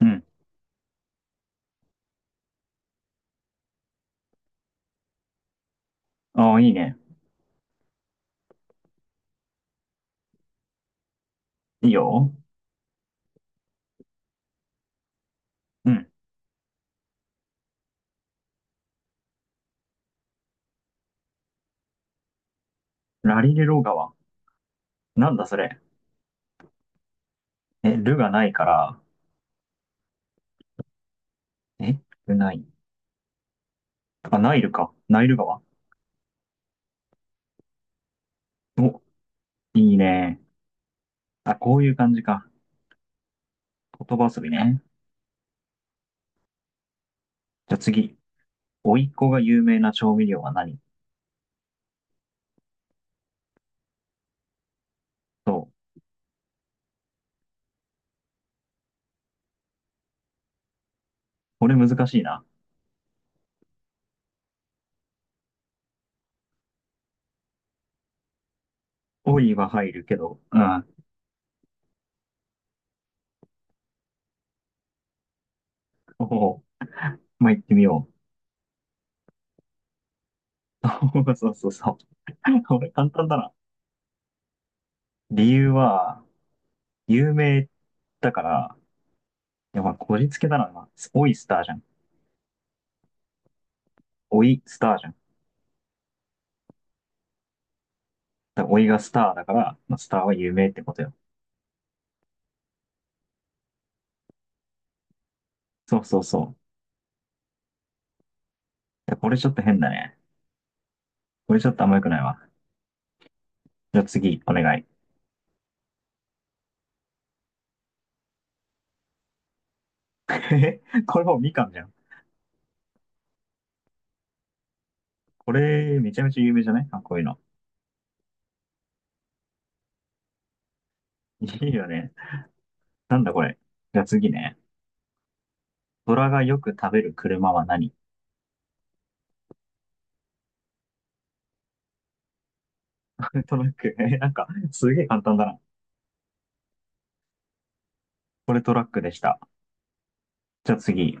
うん。ああ、いいね。いいよ。うん。ラリレロ川。なんだそれ。え、ルがないから、え、ルない。あ、ナイルか。ナイル川。お、いいね。あ、こういう感じか。言葉遊びね。じゃあ次。甥いっ子が有名な調味料は何？そう。これ難しいな。おいは入るけど、うん。おお、まあ、行ってみよう。そうそうそう。これ簡単だな。理由は、有名だから、いや、まあ、こじつけだな。まあオイスターじゃん。オイスターじゃん。だからおいがスターだから、まあ、スターは有名ってことよ。そうそうそう。これちょっと変だね。これちょっとあんま良くないわ。じゃあ次、お願い。え、これもうみかんじゃん。これ、めちゃめちゃ有名じゃない？あ、こういうの。いいよね。なんだこれ。じゃあ次ね。虎がよく食べる車は何？これトラック。え、なんか、すげえ簡単だな。これトラックでした。じゃあ次。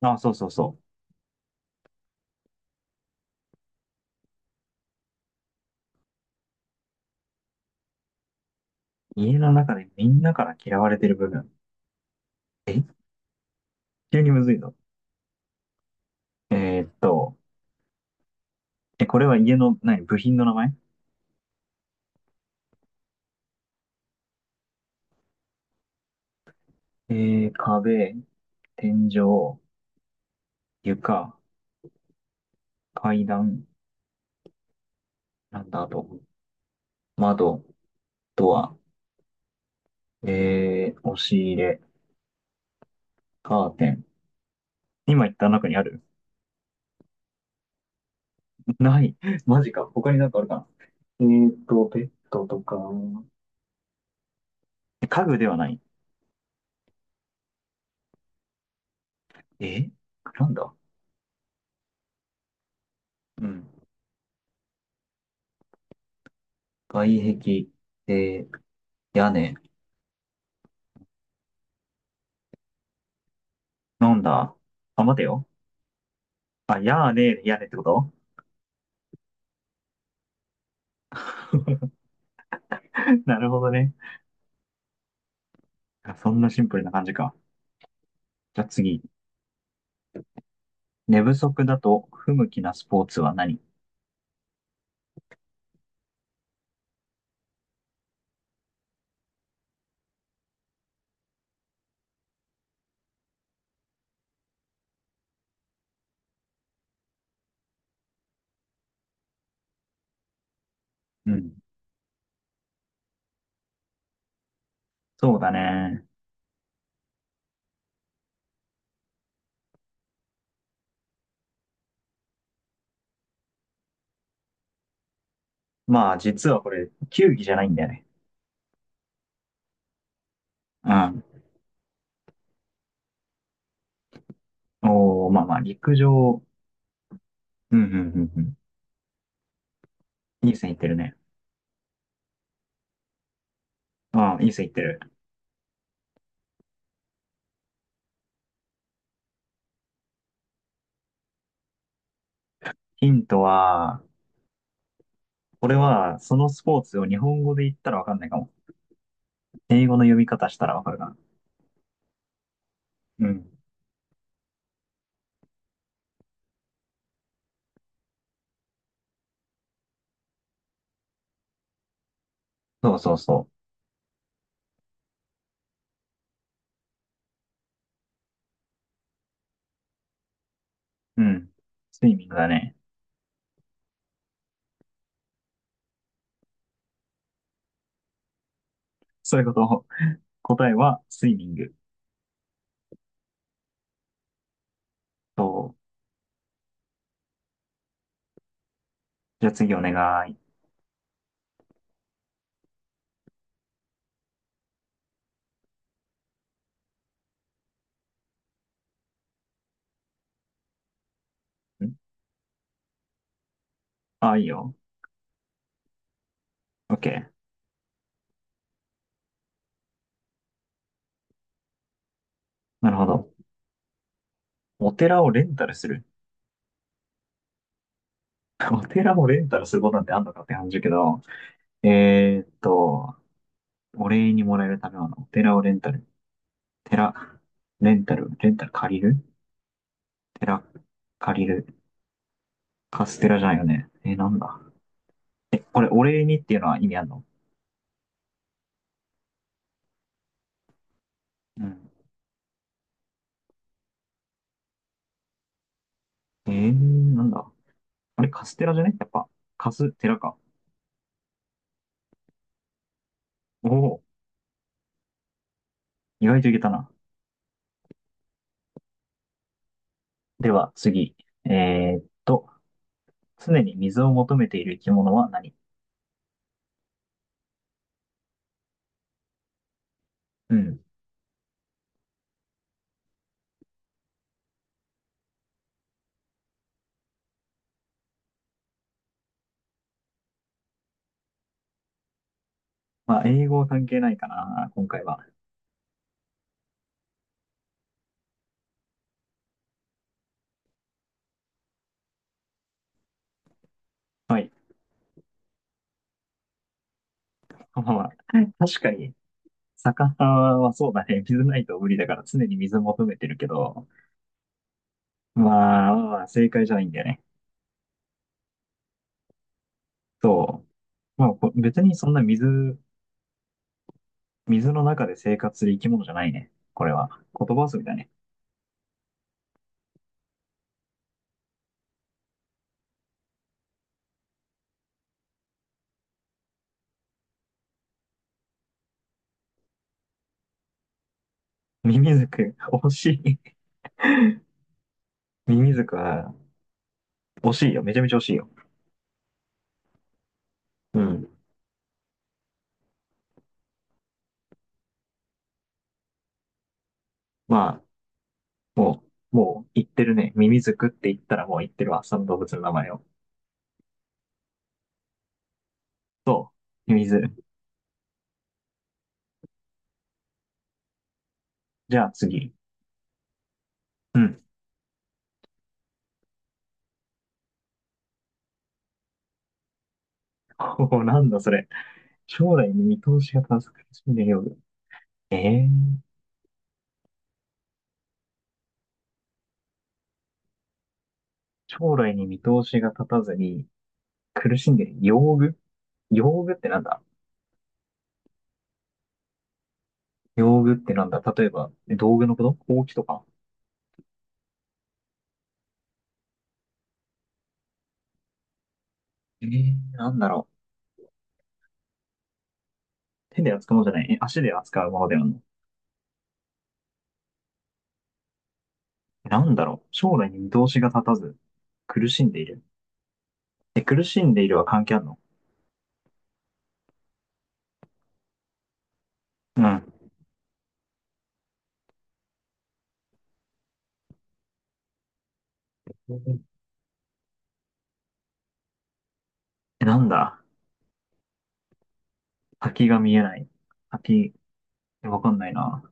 あ、そうそうそう。家の中でみんなから嫌われてる部分。え、急にむずいぞ。えーっと、え、これは家の、何、部品の名前？壁、天井、床、階段、なんだ、あと、窓、ドア、押し入れ、カーテン。今言った中にある？ ない。マジか。他になんかあるかな？ベッドとか、家具ではない。え、なんだ？うん。外壁、えー、屋根。なんだ？あ、待てよ。あ、屋根屋根ってこと？ なるほどね。あ、そんなシンプルな感じか。じゃあ次。寝不足だと不向きなスポーツは何？うん。そうだね。まあ、実はこれ、球技じゃないんだよね。うん。おー、まあまあ、陸上。うん、うん、うん、うん。いい線いってるね。うん、いい線いってる。ヒントは、これは、そのスポーツを日本語で言ったらわかんないかも。英語の読み方したらわかるかな。うん。そうそうそう。うん。スイミングだね。そういうこと。答えは、スイミング。そう。じゃあ次お願い。ん。あ、いいよ。OK。なるほど。お寺をレンタルする。お寺をレンタルすることなんてあんのかって感じだけど、えーっと、お礼にもらえるためは、あのお寺をレンタル。寺、レンタル、レンタル借りる寺、借りる。カステラじゃないよね。なんだ。これ、お礼にっていうのは意味あるの？うん。なんだ。あれ、カステラじゃね？やっぱ、カステラか。おお、意外といけたな。では、次。えーっと、常に水を求めている生き物は何？うん。まあ、英語は関係ないかな、今回は。はい。まあまあ、確かに魚はそうだね。水ないと無理だから常に水求めてるけど、まあ、まあ正解じゃないんだよね。そう。まあ、別にそんな水、水の中で生活する生き物じゃないね。これは。言葉遊びだね。ミミズク、惜しい。ミミズクは、惜しいよ。めちゃめちゃ惜しいよ。うん。まあ、ももう言ってるね。ミミズクって言ったらもう言ってるわ。その動物の名前を。そう。ミミズ。じゃあ次。うん。おお、なんだそれ。将来の見通しが難しいね、よ。ええ。将来に見通しが立たずに苦しんでる。用具。用具ってなんだ？用具ってなんだ、例えば、え、道具のこと、ほうきとか？ええ、なんだろう。手で扱うものじゃない？え、足で扱うものであるの？え、なんだろう。将来に見通しが立たず苦しんでいる。え、苦しんでいるは関係あるの？うん。え、なんだ。先が見えない。先、え、わかんないな。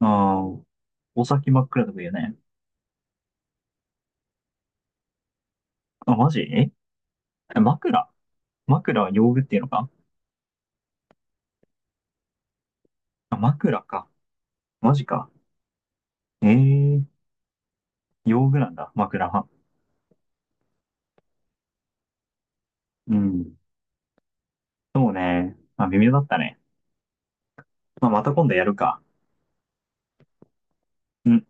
ああ、お先真っ暗とか言うね。あ、マジ？ええ、枕？枕は用具っていうのか？あ、枕か。マジか。ええ、用具なんだ、枕は。うん。そうね。まあ、微妙だったね。まあ、また今度やるか。うん。